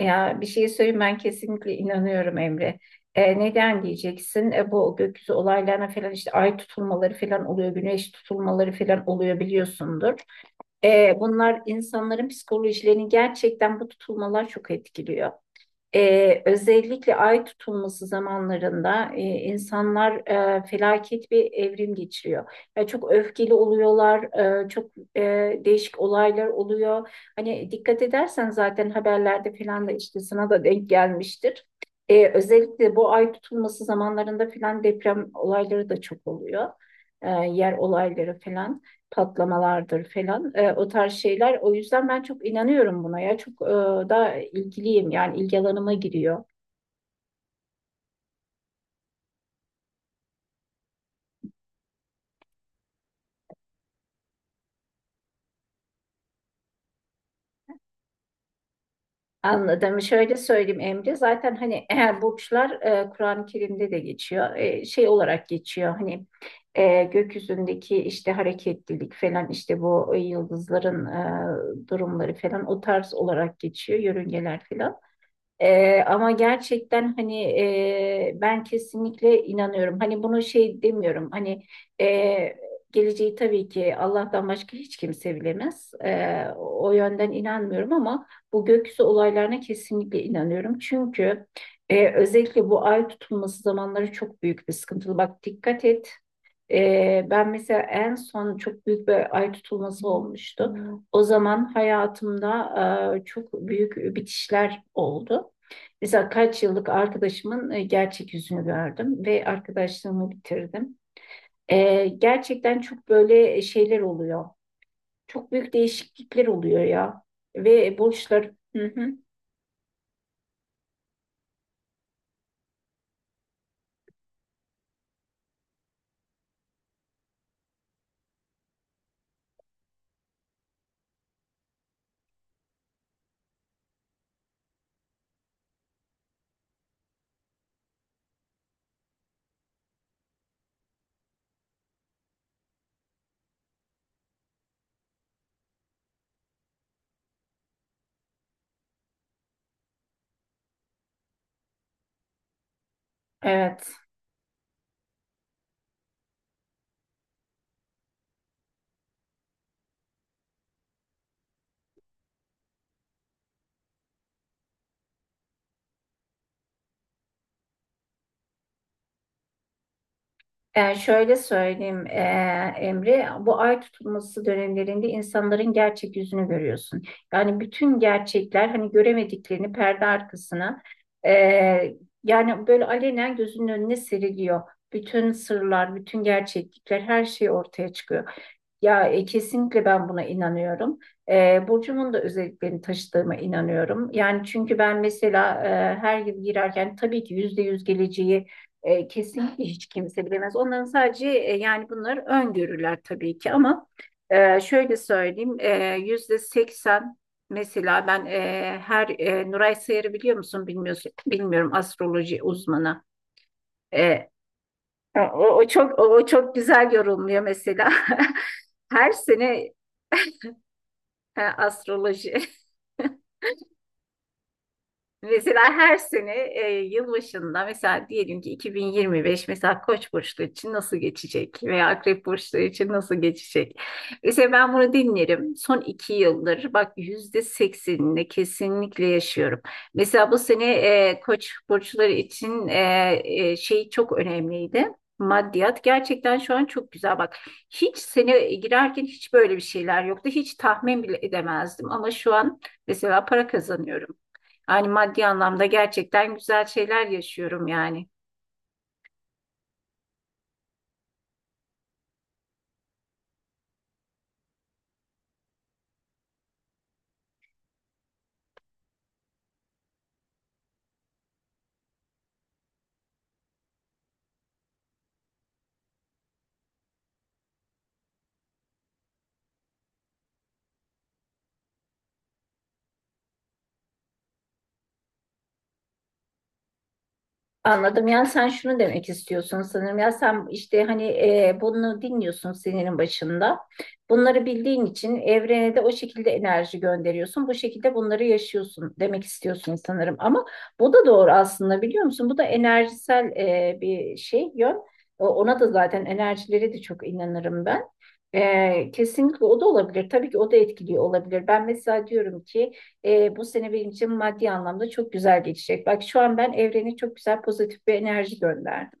Ya bir şey söyleyeyim ben kesinlikle inanıyorum Emre. Neden diyeceksin? Bu gökyüzü olaylarına falan işte ay tutulmaları falan oluyor, güneş tutulmaları falan oluyor biliyorsundur. Bunlar insanların psikolojilerini gerçekten bu tutulmalar çok etkiliyor. Özellikle ay tutulması zamanlarında insanlar felaket bir evrim geçiriyor. Yani çok öfkeli oluyorlar, çok e, değişik olaylar oluyor. Hani dikkat edersen zaten haberlerde falan da işte sana da denk gelmiştir. Özellikle bu ay tutulması zamanlarında falan deprem olayları da çok oluyor. Yer olayları falan patlamalardır falan o tarz şeyler. O yüzden ben çok inanıyorum buna ya, çok da ilgiliyim, yani ilgi alanıma giriyor. Anladım. Şöyle söyleyeyim Emre. Zaten hani eğer burçlar Kur'an-ı Kerim'de de geçiyor. Şey olarak geçiyor. Hani gökyüzündeki işte hareketlilik falan, işte bu yıldızların durumları falan o tarz olarak geçiyor. Yörüngeler falan. Ama gerçekten hani ben kesinlikle inanıyorum. Hani bunu şey demiyorum. Hani e, geleceği tabii ki Allah'tan başka hiç kimse bilemez. O yönden inanmıyorum ama bu gökyüzü olaylarına kesinlikle inanıyorum. Çünkü özellikle bu ay tutulması zamanları çok büyük bir sıkıntılı. Bak, dikkat et. Ben mesela en son çok büyük bir ay tutulması olmuştu. O zaman hayatımda çok büyük bitişler oldu. Mesela kaç yıllık arkadaşımın gerçek yüzünü gördüm ve arkadaşlığımı bitirdim. Gerçekten çok böyle şeyler oluyor. Çok büyük değişiklikler oluyor ya. Ve borçlar. Hı hı. Evet. Şöyle söyleyeyim Emre, bu ay tutulması dönemlerinde insanların gerçek yüzünü görüyorsun. Yani bütün gerçekler, hani göremediklerini, perde arkasına e, yani böyle alenen gözünün önüne seriliyor. Bütün sırlar, bütün gerçeklikler, her şey ortaya çıkıyor. Ya kesinlikle ben buna inanıyorum. Burcumun da özelliklerini taşıdığıma inanıyorum. Yani çünkü ben mesela her yıl girerken, tabii ki %100 geleceği kesinlikle hiç kimse bilemez. Onların sadece yani bunlar öngörüler tabii ki, ama şöyle söyleyeyim, %80 mesela ben her Nuray Sayar'ı biliyor musun bilmiyorsun, bilmiyorum, astroloji uzmanı. E, o, o çok o çok güzel yorumluyor mesela. Her sene. Ha, astroloji. Mesela her sene yılbaşında, mesela diyelim ki 2025 mesela Koç burçlu için nasıl geçecek veya Akrep burçlu için nasıl geçecek? Mesela ben bunu dinlerim. Son 2 yıldır bak, %80'ini kesinlikle yaşıyorum. Mesela bu sene Koç burçları için şey çok önemliydi. Maddiyat gerçekten şu an çok güzel, bak. Hiç sene girerken hiç böyle bir şeyler yoktu. Hiç tahmin bile edemezdim ama şu an mesela para kazanıyorum. Yani maddi anlamda gerçekten güzel şeyler yaşıyorum yani. Anladım. Yani sen şunu demek istiyorsun sanırım. Ya sen işte hani bunu dinliyorsun senenin başında. Bunları bildiğin için evrene de o şekilde enerji gönderiyorsun. Bu şekilde bunları yaşıyorsun demek istiyorsun sanırım. Ama bu da doğru aslında, biliyor musun? Bu da enerjisel bir şey yön. Ona da zaten, enerjileri de çok inanırım ben. Kesinlikle o da olabilir. Tabii ki o da etkiliyor olabilir. Ben mesela diyorum ki, bu sene benim için maddi anlamda çok güzel geçecek. Bak şu an ben evrene çok güzel pozitif bir enerji gönderdim.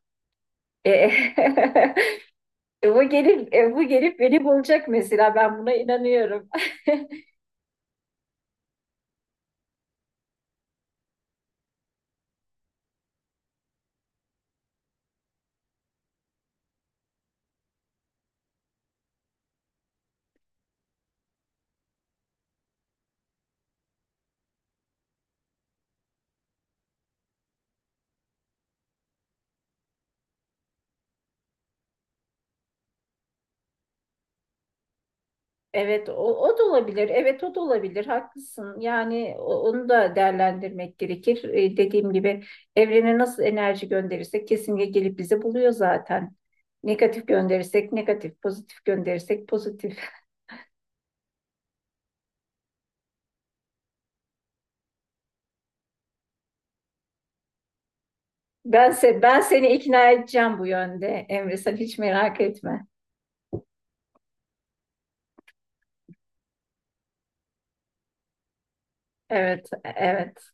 E, bu gelip e, bu gelip beni bulacak mesela ben buna inanıyorum. Evet o, o da olabilir. Evet o da olabilir. Haklısın. Yani o- onu da değerlendirmek gerekir. E, dediğim gibi evrene nasıl enerji gönderirsek kesinlikle gelip bizi buluyor zaten. Negatif gönderirsek negatif, pozitif gönderirsek pozitif. Ben, se ben seni ikna edeceğim bu yönde Emre sen hiç merak etme. Evet, evet.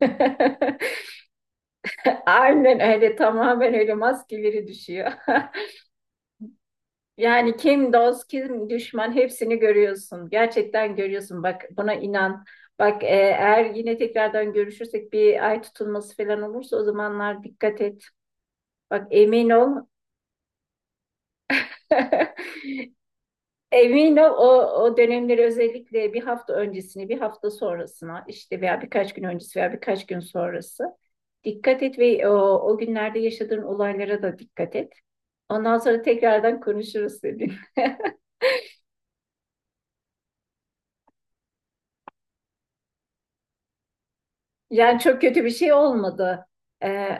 Aynen öyle tamamen öyle maskeleri düşüyor. Yani kim dost, kim düşman hepsini görüyorsun. Gerçekten görüyorsun. Bak buna inan. Bak e, eğer yine tekrardan görüşürsek bir ay tutulması falan olursa o zamanlar dikkat et. Bak emin ol. Emin ol o, o dönemleri özellikle bir hafta öncesini, bir hafta sonrasına işte veya birkaç gün öncesi veya birkaç gün sonrası dikkat et ve o, o günlerde yaşadığın olaylara da dikkat et. Ondan sonra tekrardan konuşuruz dedim. Yani çok kötü bir şey olmadı. Ee,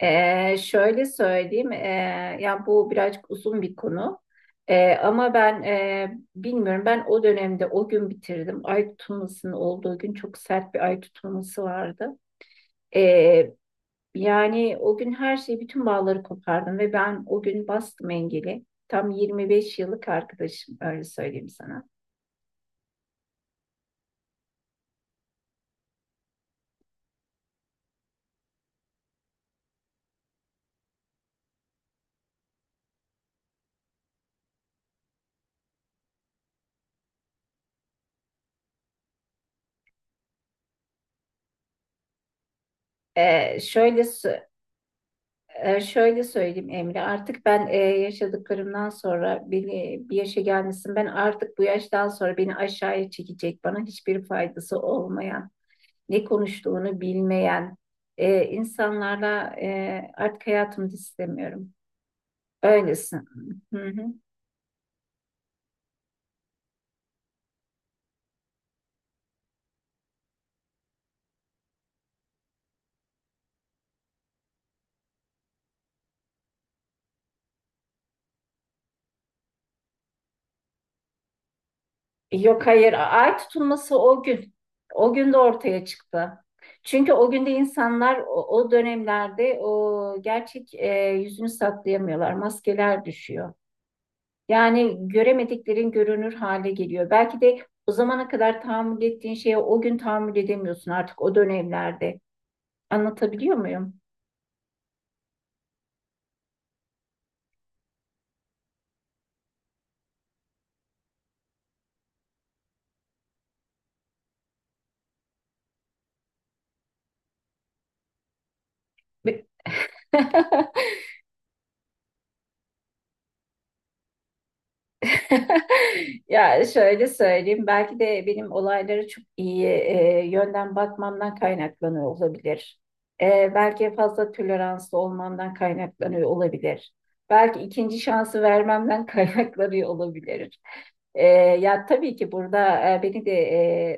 e, şöyle söyleyeyim, yani bu birazcık uzun bir konu. Ama ben bilmiyorum, ben o dönemde o gün bitirdim. Ay tutulmasının olduğu gün çok sert bir ay tutulması vardı. Ee, yani o gün her şeyi, bütün bağları kopardım ve ben o gün bastım engeli. Tam 25 yıllık arkadaşım, öyle söyleyeyim sana. Şöyle sö- şöyle söyleyeyim Emre, artık ben e, yaşadıklarımdan sonra beni bir yaşa gelmişsin. Ben artık bu yaştan sonra beni aşağıya çekecek, bana hiçbir faydası olmayan, ne konuştuğunu bilmeyen e, insanlarla e, artık hayatımda istemiyorum. Öylesin. Hı hı. Yok hayır, ay tutulması o gün. O gün de ortaya çıktı. Çünkü o günde insanlar o, o dönemlerde o gerçek e, yüzünü saklayamıyorlar, maskeler düşüyor. Yani göremediklerin görünür hale geliyor. Belki de o zamana kadar tahammül ettiğin şeye o gün tahammül edemiyorsun artık o dönemlerde. Anlatabiliyor muyum? Ya şöyle söyleyeyim, belki de benim olaylara çok iyi e, yönden bakmamdan kaynaklanıyor olabilir. E, belki fazla toleranslı olmamdan kaynaklanıyor olabilir. Belki ikinci şansı vermemden kaynaklanıyor olabilir. E, ya tabii ki burada e, beni de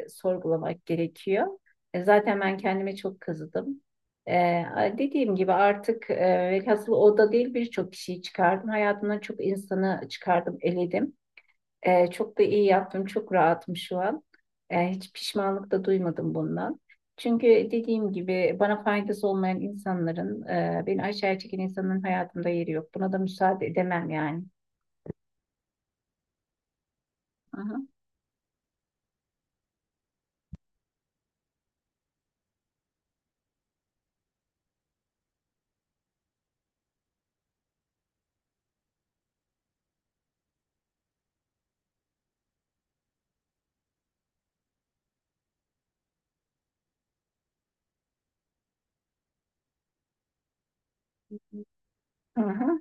e, sorgulamak gerekiyor. E, zaten ben kendime çok kızdım. E, dediğim gibi artık e, velhasıl o da değil birçok kişiyi çıkardım. Hayatımdan çok insanı çıkardım, eledim. Çok da iyi yaptım. Çok rahatım şu an hiç pişmanlık da duymadım bundan. Çünkü dediğim gibi bana faydası olmayan insanların, e, beni aşağıya çeken insanların hayatımda yeri yok. Buna da müsaade edemem yani. Hı hı. Hı hı.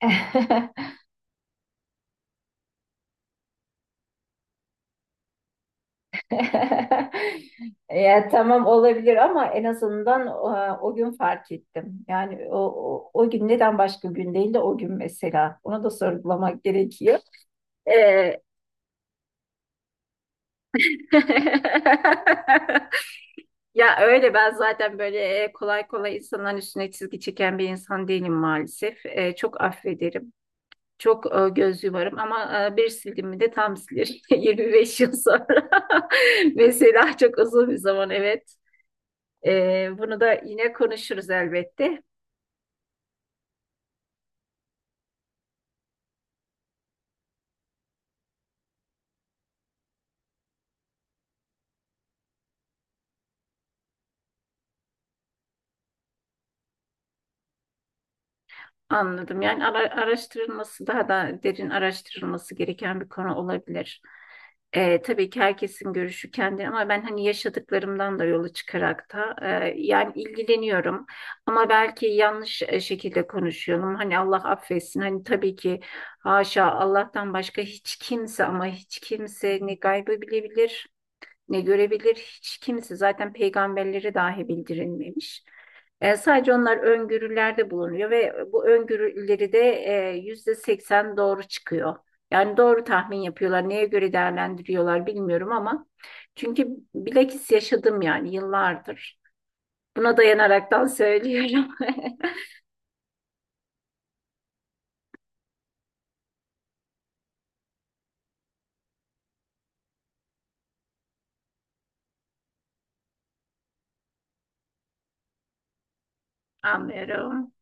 Ya, tamam olabilir ama en azından e, o, gün fark ettim. Yani o, o, o gün neden başka gün değil de o gün mesela. Ona da sorgulamak gerekiyor. Ee, Ya öyle ben zaten böyle e, kolay kolay insanların üstüne çizgi çeken bir insan değilim maalesef. E, çok affederim. Çok e, göz yumarım ama e, bir sildim mi de tam silir. 25 yıl sonra. Mesela çok uzun bir zaman evet. Bunu da yine konuşuruz elbette. Anladım. Yani ara- araştırılması daha da derin araştırılması gereken bir konu olabilir. Tabii ki herkesin görüşü kendi ama ben hani yaşadıklarımdan da yola çıkarak da e, yani ilgileniyorum ama belki yanlış e, şekilde konuşuyorum. Hani Allah affetsin. Hani tabii ki haşa Allah'tan başka hiç kimse ama hiç kimse ne gaybı bilebilir ne görebilir hiç kimse zaten peygamberlere dahi bildirilmemiş. E, sadece onlar öngörülerde bulunuyor ve bu öngörüleri de e, %80 doğru çıkıyor. Yani doğru tahmin yapıyorlar. Neye göre değerlendiriyorlar bilmiyorum ama çünkü bilakis yaşadım yani yıllardır. Buna dayanaraktan söylüyorum. Anlıyorum.